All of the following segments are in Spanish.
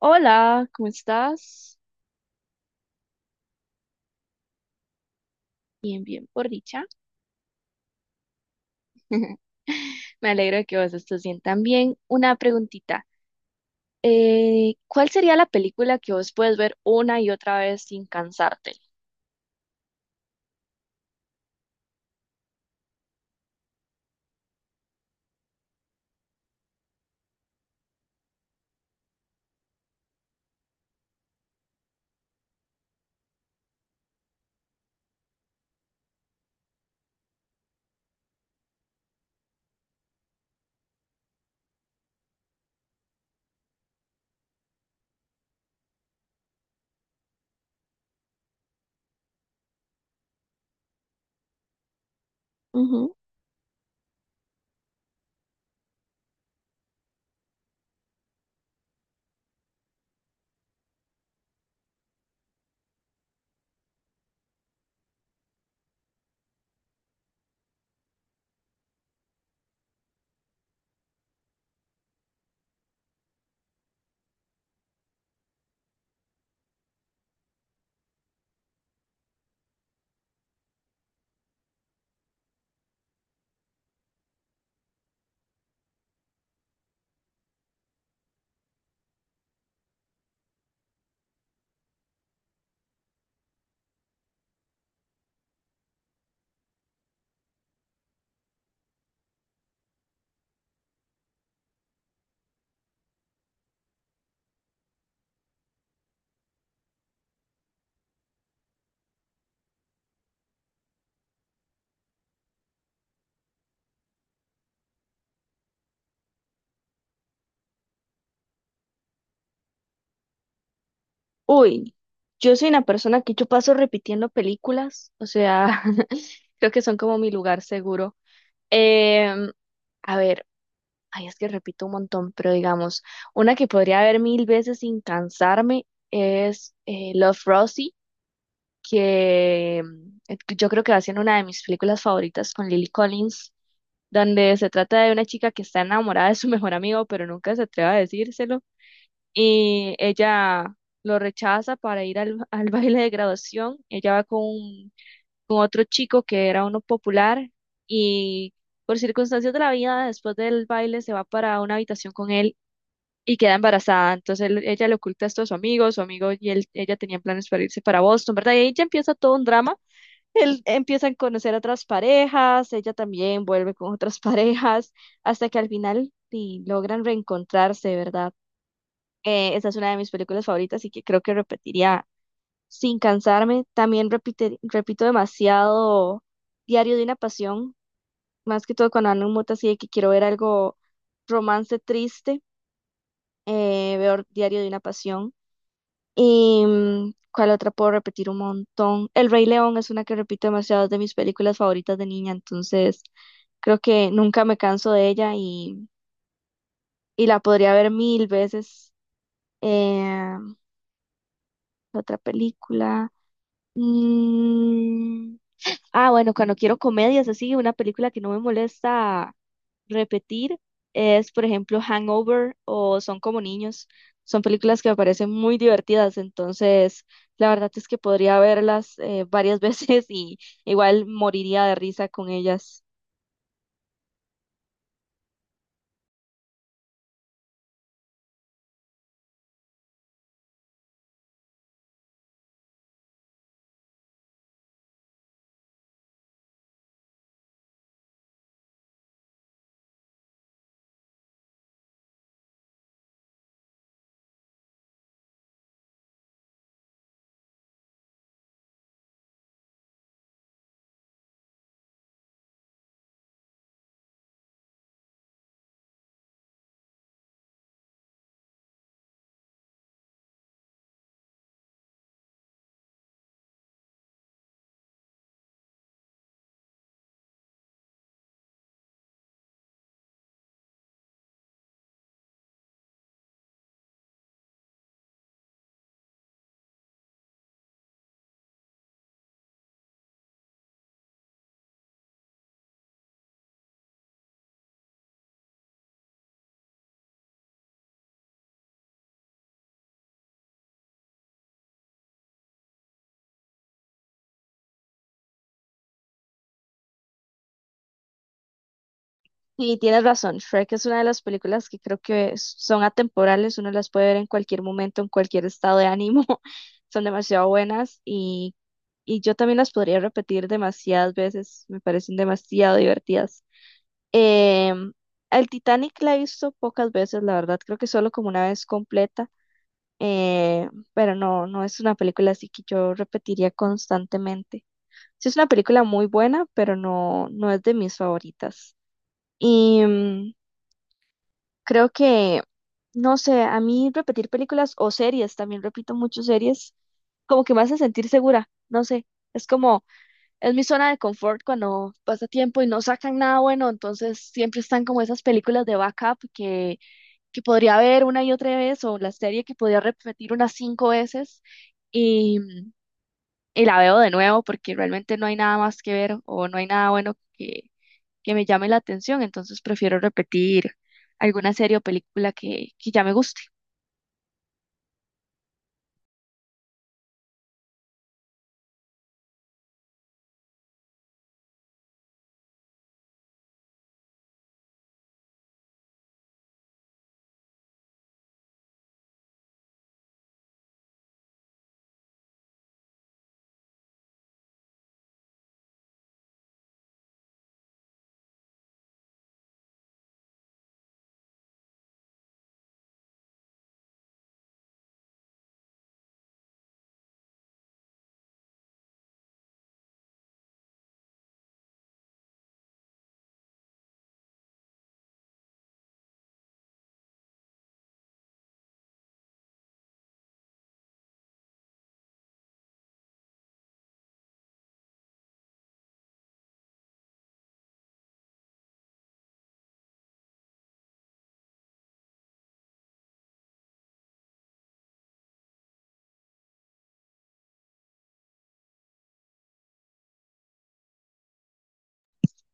Hola, ¿cómo estás? Bien, bien, por dicha. Me alegro de que vos estés bien también. Una preguntita. ¿Cuál sería la película que vos puedes ver una y otra vez sin cansarte? Ujú. Uy, yo soy una persona que yo paso repitiendo películas, o sea, Creo que son como mi lugar seguro. Em, a ver, ay, es que repito un montón, pero digamos, una que podría ver mil veces sin cansarme es Love, Rosie. Que yo creo que va siendo una de mis películas favoritas con Lily Collins, donde se trata de una chica que está enamorada de su mejor amigo, pero nunca se atreve a decírselo, y ella lo rechaza para ir al, al baile de graduación. Ella va con otro chico que era uno popular, y por circunstancias de la vida, después del baile se va para una habitación con él. Y queda embarazada. Entonces ella le oculta esto a su amigo. Su amigo y ella tenían planes para irse para Boston, ¿verdad? Y ahí ya empieza todo un drama. Él empieza a conocer a otras parejas, ella también vuelve con otras parejas, hasta que al final sí, logran reencontrarse, ¿verdad? Esa es una de mis películas favoritas y que creo que repetiría sin cansarme. También repito demasiado Diario de una Pasión, más que todo cuando ando en mood así de que quiero ver algo romance triste. Veo Diario de una Pasión. Y ¿cuál otra puedo repetir un montón? El Rey León es una que repito demasiado, es de mis películas favoritas de niña, entonces creo que nunca me canso de ella, y la podría ver mil veces. Eh, Otra película. Mm, ah, bueno, cuando quiero comedias así, una película que no me molesta repetir es, por ejemplo, Hangover o Son como niños. Son películas que me parecen muy divertidas, entonces la verdad es que podría verlas varias veces, y igual moriría de risa con ellas. Y tienes razón, Shrek es una de las películas que creo que son atemporales, uno las puede ver en cualquier momento, en cualquier estado de ánimo, son demasiado buenas, y yo también las podría repetir demasiadas veces, me parecen demasiado divertidas. Em, el Titanic la he visto pocas veces, la verdad, creo que solo como una vez completa. Pero no, no es una película así que yo repetiría constantemente. Sí es una película muy buena, pero no, no es de mis favoritas. Y creo que, no sé, a mí repetir películas o series, también repito muchas series, como que me hace sentir segura, no sé, es como, es mi zona de confort. Cuando pasa tiempo y no sacan nada bueno, entonces siempre están como esas películas de backup, que podría ver una y otra vez, o la serie que podría repetir unas cinco veces, y, y la veo de nuevo porque realmente no hay nada más que ver, o no hay nada bueno que me llame la atención. Entonces prefiero repetir alguna serie o película que ya me gusta.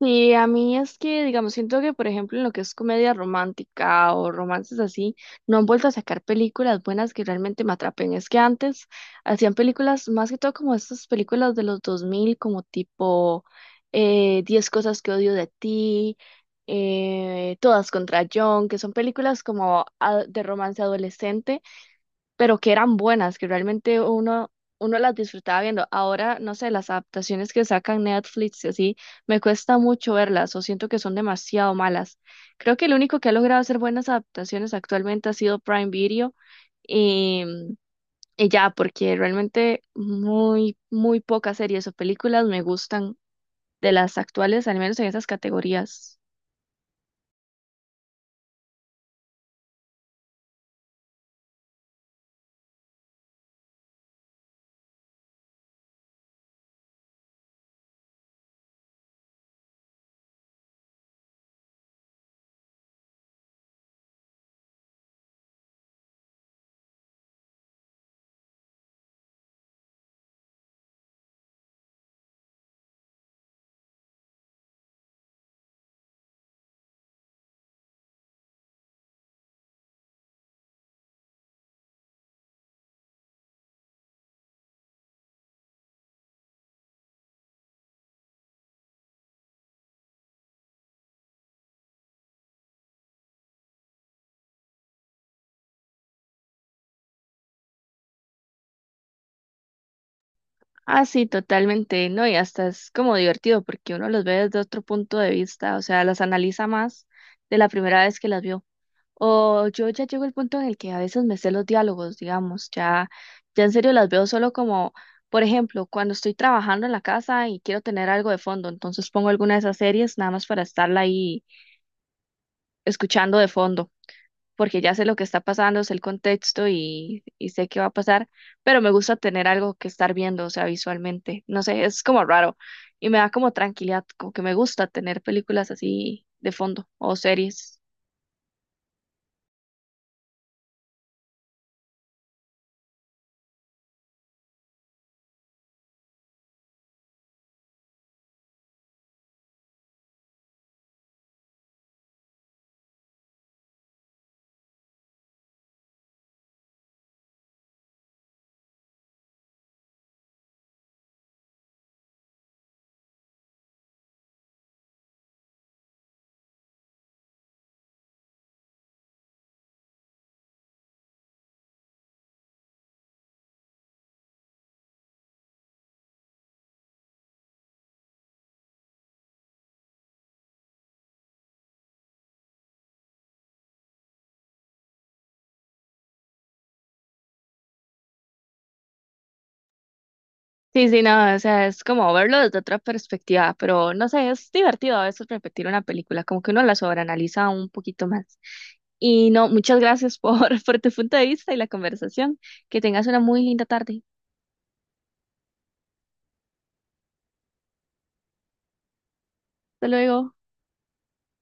Sí, a mí es que, digamos, siento que, por ejemplo, en lo que es comedia romántica o romances así, no han vuelto a sacar películas buenas que realmente me atrapen. Es que antes hacían películas, más que todo como estas películas de los dos mil, como tipo 10 cosas que odio de ti, Todas contra John, que son películas como de romance adolescente, pero que eran buenas, que realmente uno las disfrutaba viendo. Ahora, no sé, las adaptaciones que sacan Netflix y así, me cuesta mucho verlas o siento que son demasiado malas. Creo que el único que ha logrado hacer buenas adaptaciones actualmente ha sido Prime Video, y, y ya, porque realmente muy, muy pocas series o películas me gustan de las actuales, al menos en esas categorías. Ah, sí, totalmente, ¿no? Y hasta es como divertido porque uno los ve desde otro punto de vista, o sea, las analiza más de la primera vez que las vio. O yo ya llego al punto en el que a veces me sé los diálogos, digamos, ya, ya en serio las veo solo como, por ejemplo, cuando estoy trabajando en la casa y quiero tener algo de fondo, entonces pongo alguna de esas series nada más para estarla ahí escuchando de fondo, porque ya sé lo que está pasando, sé el contexto y sé qué va a pasar, pero me gusta tener algo que estar viendo, o sea, visualmente. No sé, es como raro, y me da como tranquilidad, como que me gusta tener películas así de fondo o series. Sí, sí, no, o sea, es como verlo desde otra perspectiva, pero no sé, es divertido a veces repetir una película, como que uno la sobreanaliza un poquito más. Y no, muchas gracias por, por tu punto de vista y la conversación. Que tengas una muy linda tarde. Hasta luego.